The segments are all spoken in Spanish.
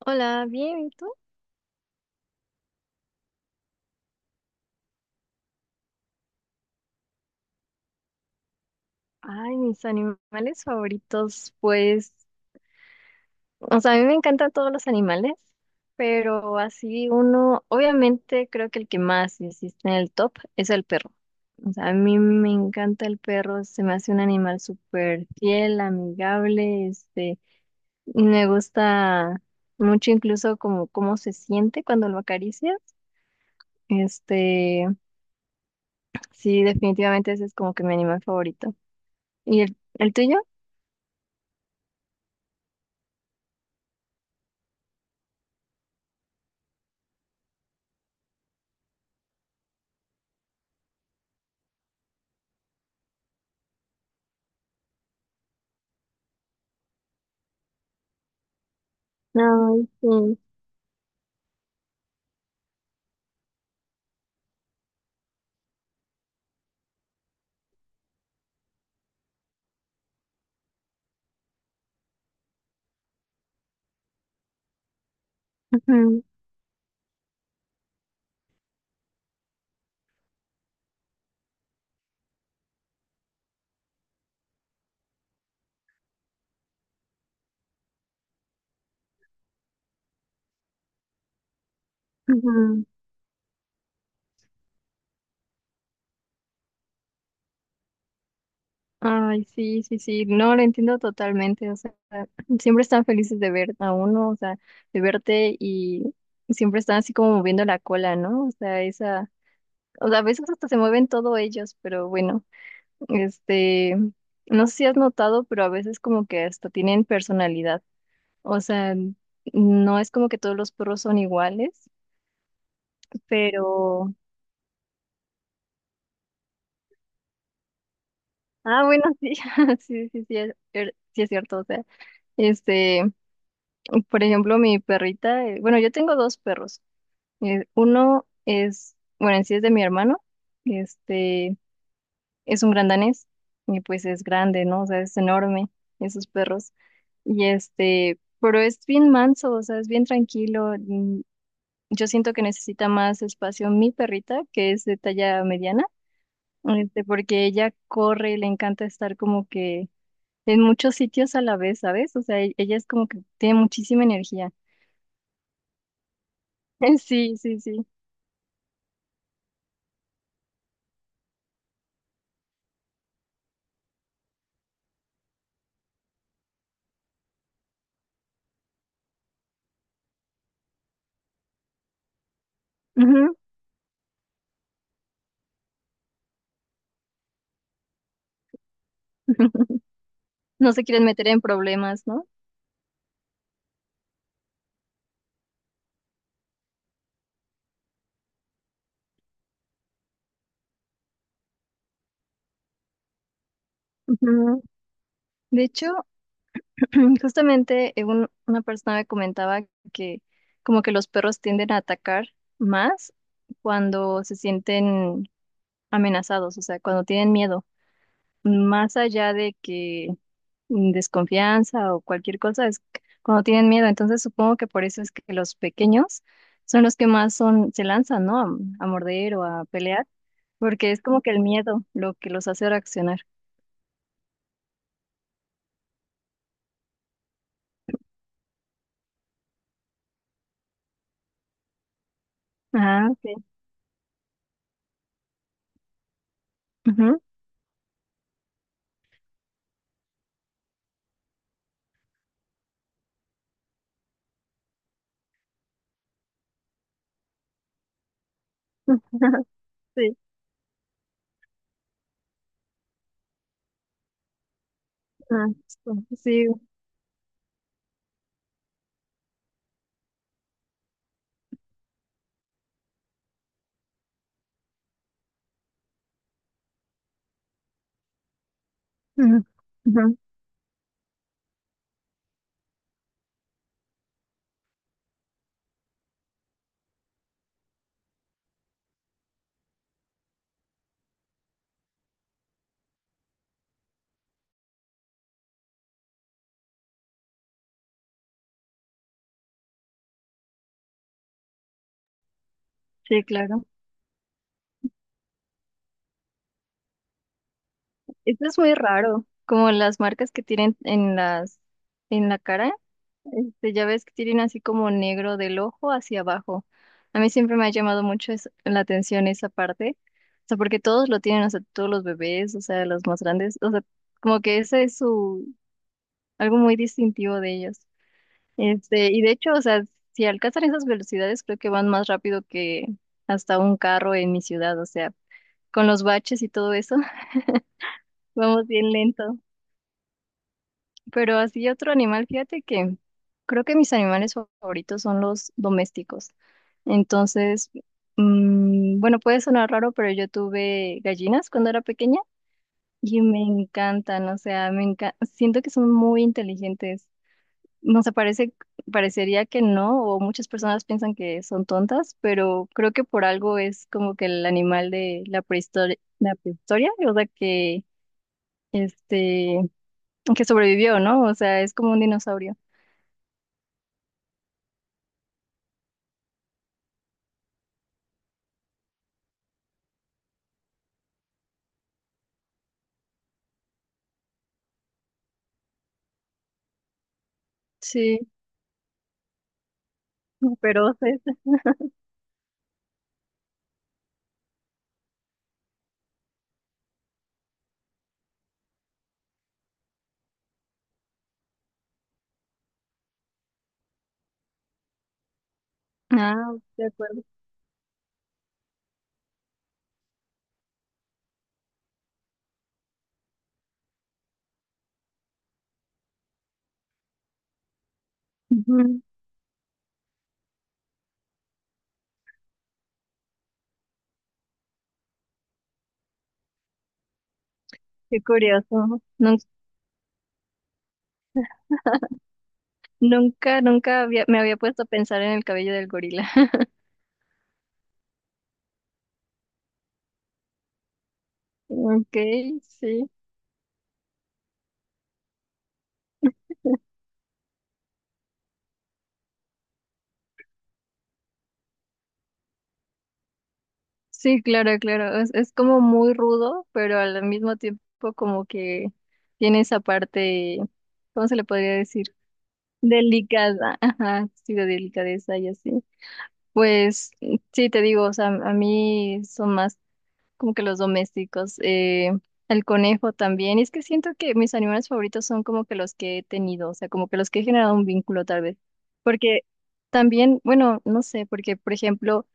Hola, bien, ¿y tú? Ay, mis animales favoritos, pues, o sea, a mí me encantan todos los animales, pero así uno, obviamente creo que el que más existe en el top es el perro. O sea, a mí me encanta el perro, se me hace un animal súper fiel, amigable, y me gusta mucho incluso como cómo se siente cuando lo acaricias. Este, sí, definitivamente ese es como que mi animal favorito. ¿Y el tuyo? Ay, sí. Mm, ujú. Ay, sí, sí, sí, no, lo entiendo totalmente, o sea, siempre están felices de ver a uno, o sea, de verte y siempre están así como moviendo la cola, ¿no? O sea, o sea, a veces hasta se mueven todos ellos, pero bueno, este, no sé si has notado, pero a veces como que hasta tienen personalidad, o sea, no es como que todos los perros son iguales, pero, ah, bueno, sí, sí, sí, sí, sí es cierto, o sea, este... Por ejemplo, mi perrita, bueno, yo tengo dos perros. Uno es, bueno, en sí es de mi hermano, este, es un gran danés, y pues es grande, ¿no? O sea, es enorme, esos perros. Y pero es bien manso, o sea, es bien tranquilo. Yo siento que necesita más espacio mi perrita, que es de talla mediana, porque ella corre, le encanta estar como que en muchos sitios a la vez, ¿sabes? O sea, ella es como que tiene muchísima energía. Sí, sí, sí. Ujú. No se quieren meter en problemas, ¿no? Ujú. De hecho, justamente una persona me comentaba que como que los perros tienden a atacar más cuando se sienten amenazados, o sea, cuando tienen miedo, más allá de que desconfianza o cualquier cosa, cuando tienen miedo. Entonces supongo que por eso es que los pequeños son los que más se lanzan, ¿no? A morder o a pelear, porque es como que el miedo lo que los hace reaccionar. Ah, ok. Ujú. Sí. Ah, sí. Sí. Ujú. Ujú. Sí, claro. Esto es muy raro, como las marcas que tienen en en la cara, ya ves que tienen así como negro del ojo hacia abajo. A mí siempre me ha llamado mucho la atención esa parte, o sea, porque todos lo tienen, o sea, todos los bebés, o sea, los más grandes, o sea, como que ese es algo muy distintivo de ellos. Y de hecho, o sea, si alcanzan esas velocidades, creo que van más rápido que hasta un carro en mi ciudad, o sea, con los baches y todo eso, vamos bien lento. Pero así otro animal, fíjate que creo que mis animales favoritos son los domésticos. Entonces, bueno, puede sonar raro, pero yo tuve gallinas cuando era pequeña y me encantan, o sea, siento que son muy inteligentes. No sé, parecería que no, o muchas personas piensan que son tontas, pero creo que por algo es como que el animal de la prehistoria, o sea, este, que sobrevivió, ¿no? O sea, es como un dinosaurio. Sí, pero, ah, de acuerdo. Ujú. Qué curioso. Nunca, me había puesto a pensar en el cabello del gorila. Ok, sí. Sí, claro, claro. Es como muy rudo, pero al mismo tiempo como que tiene esa parte, ¿cómo se le podría decir? Delicada, ajá, sí, de delicadeza y así. Pues sí, te digo, o sea, a mí son más como que los domésticos, el conejo también. Y es que siento que mis animales favoritos son como que los que he tenido, o sea, como que los que he generado un vínculo tal vez. Porque también, bueno, no sé, porque por ejemplo,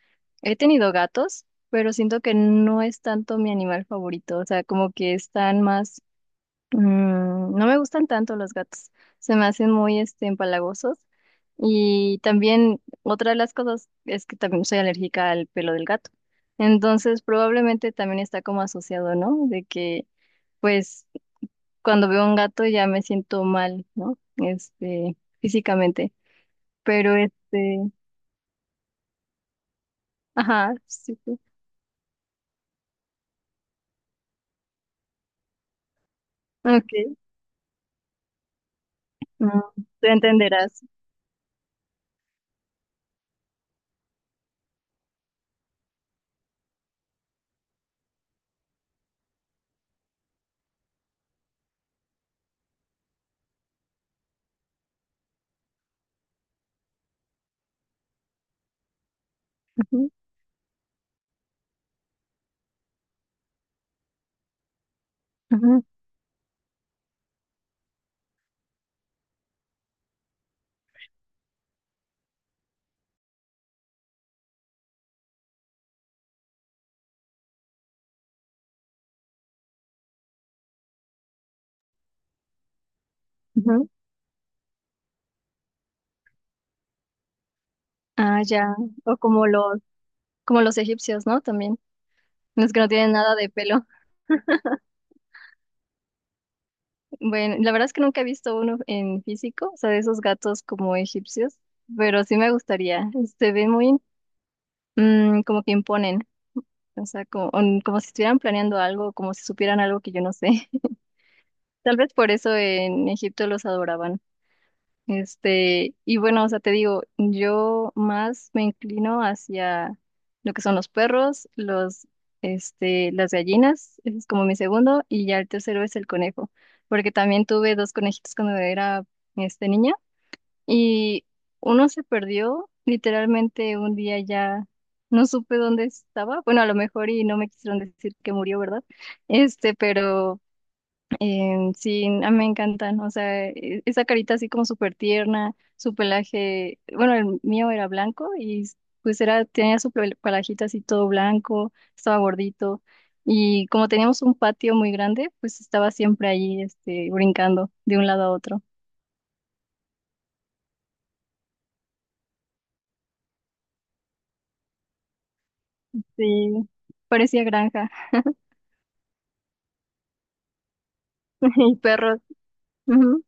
he tenido gatos, pero siento que no es tanto mi animal favorito, o sea, como que están más. No me gustan tanto los gatos, se me hacen muy empalagosos. Y también otra de las cosas es que también soy alérgica al pelo del gato. Entonces probablemente también está como asociado, ¿no? De que pues cuando veo un gato ya me siento mal, ¿no? Físicamente. Pero ajá, sí, sí. Ok, mm, te entenderás. Ujú, ujú, ujú. Ah, ya. O como como los egipcios, ¿no? También. Los que no tienen nada de pelo. Bueno, la verdad es que nunca he visto uno en físico, o sea, de esos gatos como egipcios, pero sí me gustaría. Se ven muy como que imponen, o sea, como si estuvieran planeando algo, como si supieran algo que yo no sé. Tal vez por eso en Egipto los adoraban. Y bueno, o sea, te digo, yo más me inclino hacia lo que son los perros, las gallinas, ese es como mi segundo, y ya el tercero es el conejo, porque también tuve dos conejitos cuando era, niña, y uno se perdió, literalmente un día ya no supe dónde estaba, bueno, a lo mejor y no me quisieron decir que murió, ¿verdad? Pero sí, a mí me encantan, o sea, esa carita así como súper tierna, su pelaje, bueno, el mío era blanco y pues tenía su pelajito así todo blanco, estaba gordito y como teníamos un patio muy grande, pues estaba siempre ahí, brincando de un lado a otro. Sí, parecía granja. Y perros, ujú.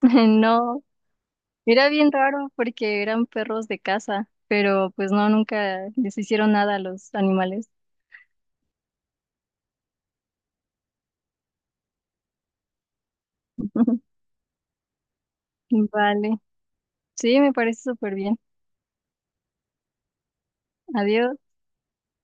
No, era bien raro porque eran perros de casa, pero pues no, nunca les hicieron nada a los animales. Vale. Sí, me parece súper bien. Adiós.